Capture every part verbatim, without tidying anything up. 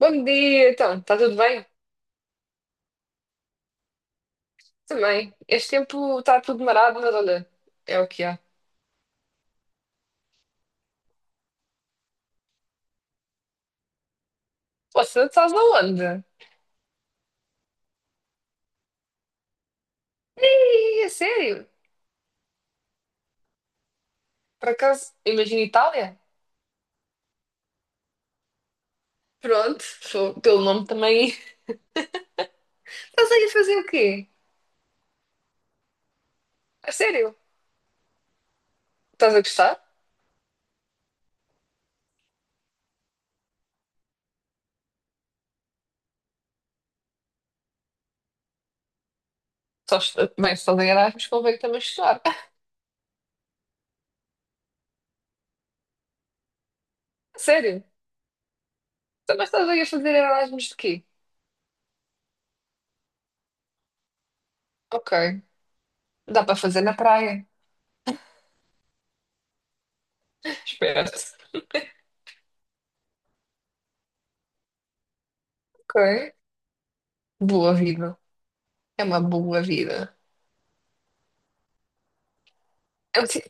Bom dia, então, está tudo bem? Também. Este tempo está tudo marado, mas olha, é o que há. Você estás aonde? Ih, é sério? Por acaso, imagina Itália? Pronto, sou- pelo nome também. Estás aí a fazer o quê? A sério? Estás a gostar? Só, est- bem, se estás em Erasmus, convém também estudar. A sério? Então, mas estás aí a fazer Erasmus de quê? Ok, dá para fazer na praia. Esperto. Ok, boa vida. É uma boa vida. É um... ti-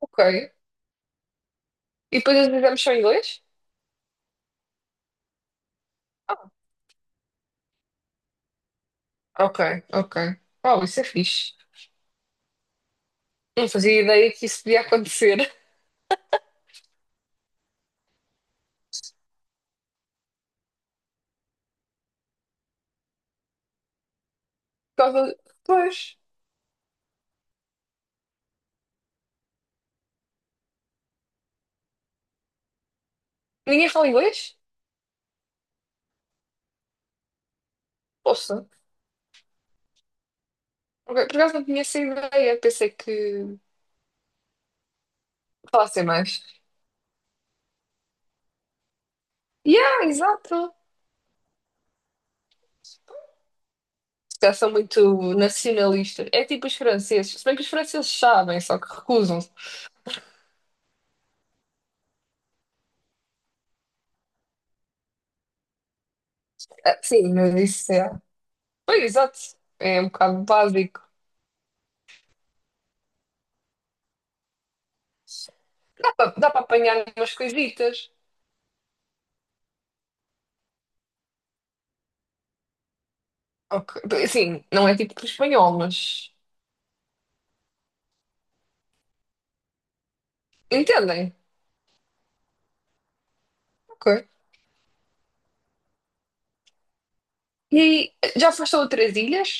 Ok. E depois os exames são em inglês? Ah, ok, ok. Uau, isso é fixe. Não fazia ideia que isso podia acontecer. Por causa... Pois. Ninguém fala inglês? Poxa. Ok, por acaso não tinha essa ideia. Pensei que falassem mais. Yeah, exato. Se calhar são muito nacionalistas. É tipo os franceses. Se bem que os franceses sabem, só que recusam-se. Ah, sim, mas isso é. Pois, exato. É um bocado básico. Dá para apanhar umas coisitas. Ok. Sim, não é tipo espanhol, mas. Entendem? Ok. E aí, já foste a outras ilhas?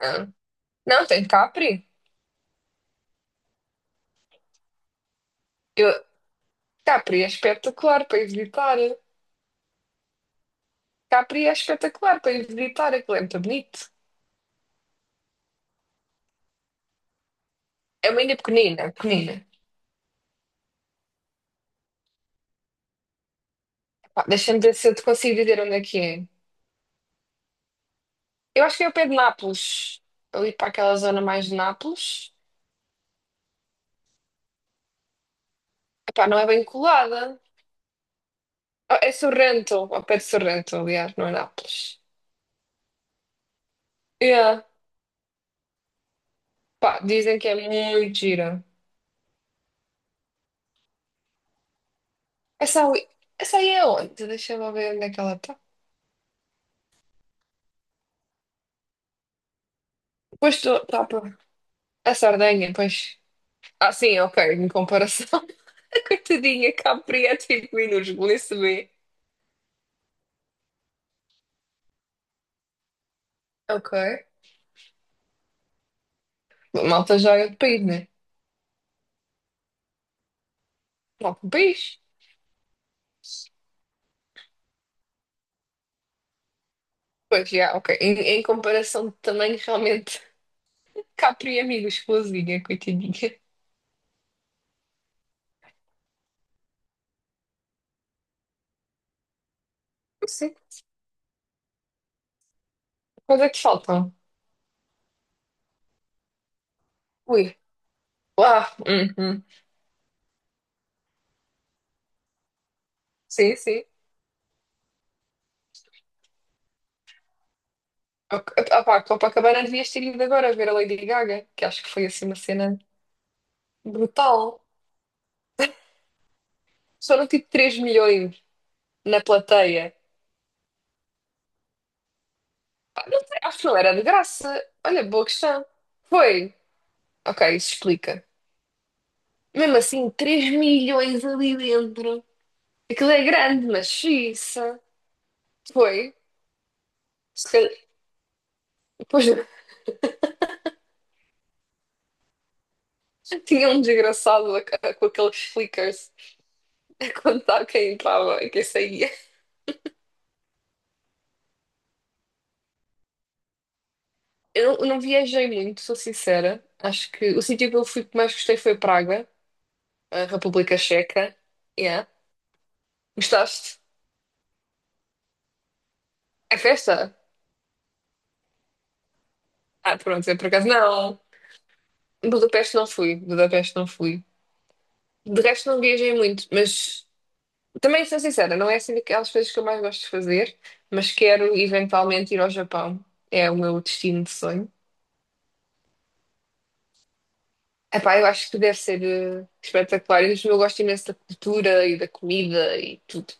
Ah, não, tem Capri. Eu, Capri é espetacular para ir visitar. Capri é espetacular para ir visitar, aquilo é muito bonito. É uma ilha pequenina, pequenina. Pá, deixa-me ver se eu te consigo dizer onde é que é. Eu acho que é o pé de Nápoles. Ali para aquela zona mais de Nápoles. Epá, não é bem colada. Ah, é Sorrento, ao pé de Sorrento, aliás, não é Nápoles. Yeah. Pá, dizem que é muito gira. Essa aí, essa aí é onde? Deixa-me ver onde é que ela está. Pois estou está por. A Sardenha, pois. Ah, sim, ok, em comparação. A coitadinha Capri é cinco minutos, nem se vê. Ok. Malta já é de país, né? Não, de país. Pois, já, ok. Em, em comparação de tamanho, realmente, Capri é amigo, coitadinha. Sim. Quanto é que faltam? Ui. Ah, uhum. Sim, sim. Ok. Ah, pá, Copacabana devias ter ido agora ver a Lady Gaga, que acho que foi assim uma cena brutal. Foram tipo três milhões na plateia. Pá, não sei, acho que não era de graça. Olha, boa questão. Foi. Ok, isso explica. Mesmo assim, três milhões ali dentro. Aquilo é grande, mas xiça. Foi. Se calhar- Depois tinha um desgraçado a- a- com aqueles flickers a contar quem entrava e quem saía. Eu não viajei muito, sou sincera. Acho que o sítio que eu fui que mais gostei foi Praga, a República Checa. Yeah. Gostaste? É festa? Ah, pronto, eu por acaso não. Budapeste não fui, Budapeste não fui. De resto não viajei muito, mas também sou sincera, não é assim daquelas coisas que eu mais gosto de fazer, mas quero eventualmente ir ao Japão. É o meu destino de sonho. Epá, eu acho que deve ser eh, espetacular. E eu gosto imenso da cultura e da comida e tudo.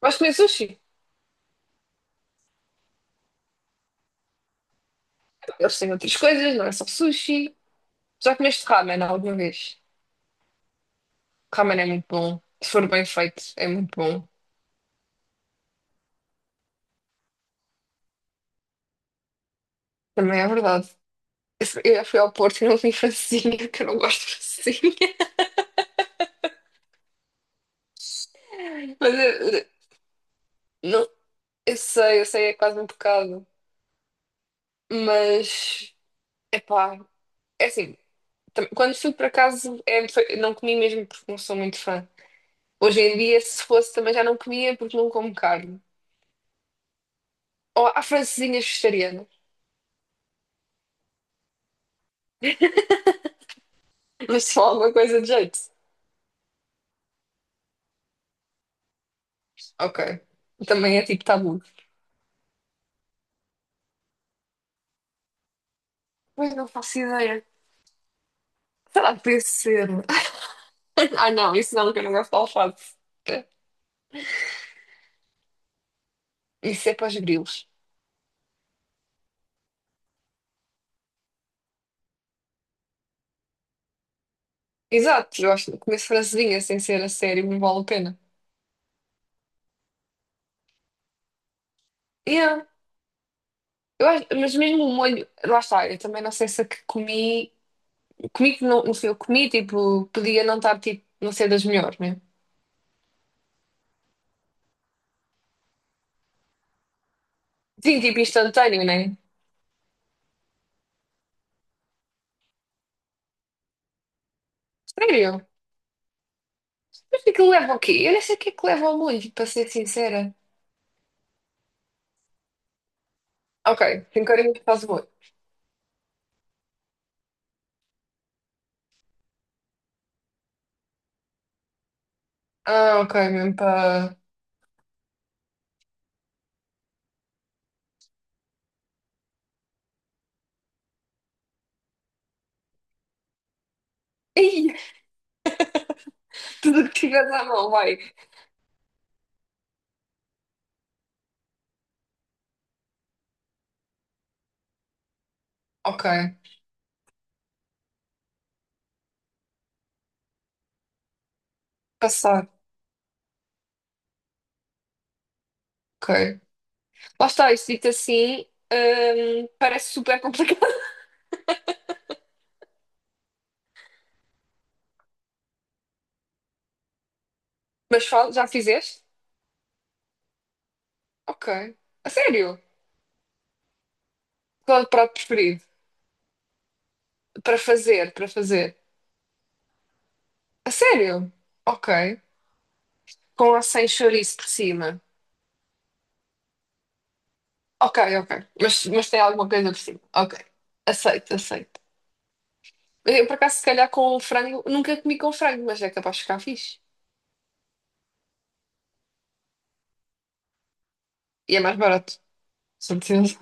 Gosto de comer sushi. Eles têm outras coisas, não é só sushi. Já comeste ramen alguma vez? Ramen é muito bom. Se for bem feito, é muito bom. Também é verdade. Eu já fui ao Porto e não comi francesinha, porque eu não gosto de francesinha. Mas eu, eu- não, eu sei, eu sei, é quase um pecado. Mas, epá, é assim, tam- quando fui para casa, é, foi- não comi mesmo porque não sou muito fã. Hoje em dia, se fosse, também já não comia porque não como carne. Ou há francesinhas vegetarianas, mas só alguma coisa de jeito. Ok, também é tipo tabu. Mas não faço ideia. Será que podia ser? Ah, não, isso não, que eu não gosto de alface. É, isso é para os grilos. Exato, eu acho que comer francesinha sem ser a sério não vale a pena. Yeah. Eu acho, mas mesmo o molho, lá está, eu também não sei se a que comi, comi que não, não sei, eu comi, tipo, podia não estar, tipo, não ser das melhores, né? Sim, tipo, instantâneo, né? Sério? Mas o que leva o quê? Eu nem sei o que é que leva ao molho, para ser sincera. Ok, tem carinho que faz molho. Ah, ok, mesmo para... Ih, tudo o que tiveres à mão, vai. Ok, passar, ok. Lá está, isto dito assim, hum, parece super complicado. Mas fal- já fizeste? Ok. A sério? Qual é o prato preferido? Para fazer, para fazer. A sério? Ok. Com a sem chouriço por cima. Ok, ok. Mas, mas tem alguma coisa por cima. Ok. Aceito, aceito. Eu, por acaso, se calhar com um frango, nunca comi com frango, mas é capaz de ficar fixe. E é mais barato. Certeza.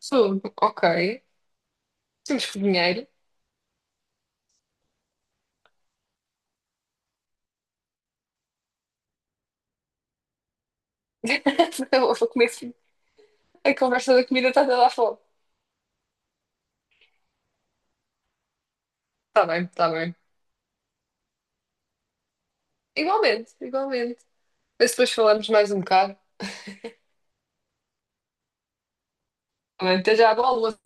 Fogo. Ok. Temos que dinheiro. Eu vou comer. Sim. A conversa da comida está toda a fome. Está bem, está bem. Igualmente, igualmente. Mas depois falamos mais um bocado. Não esteja água à lua.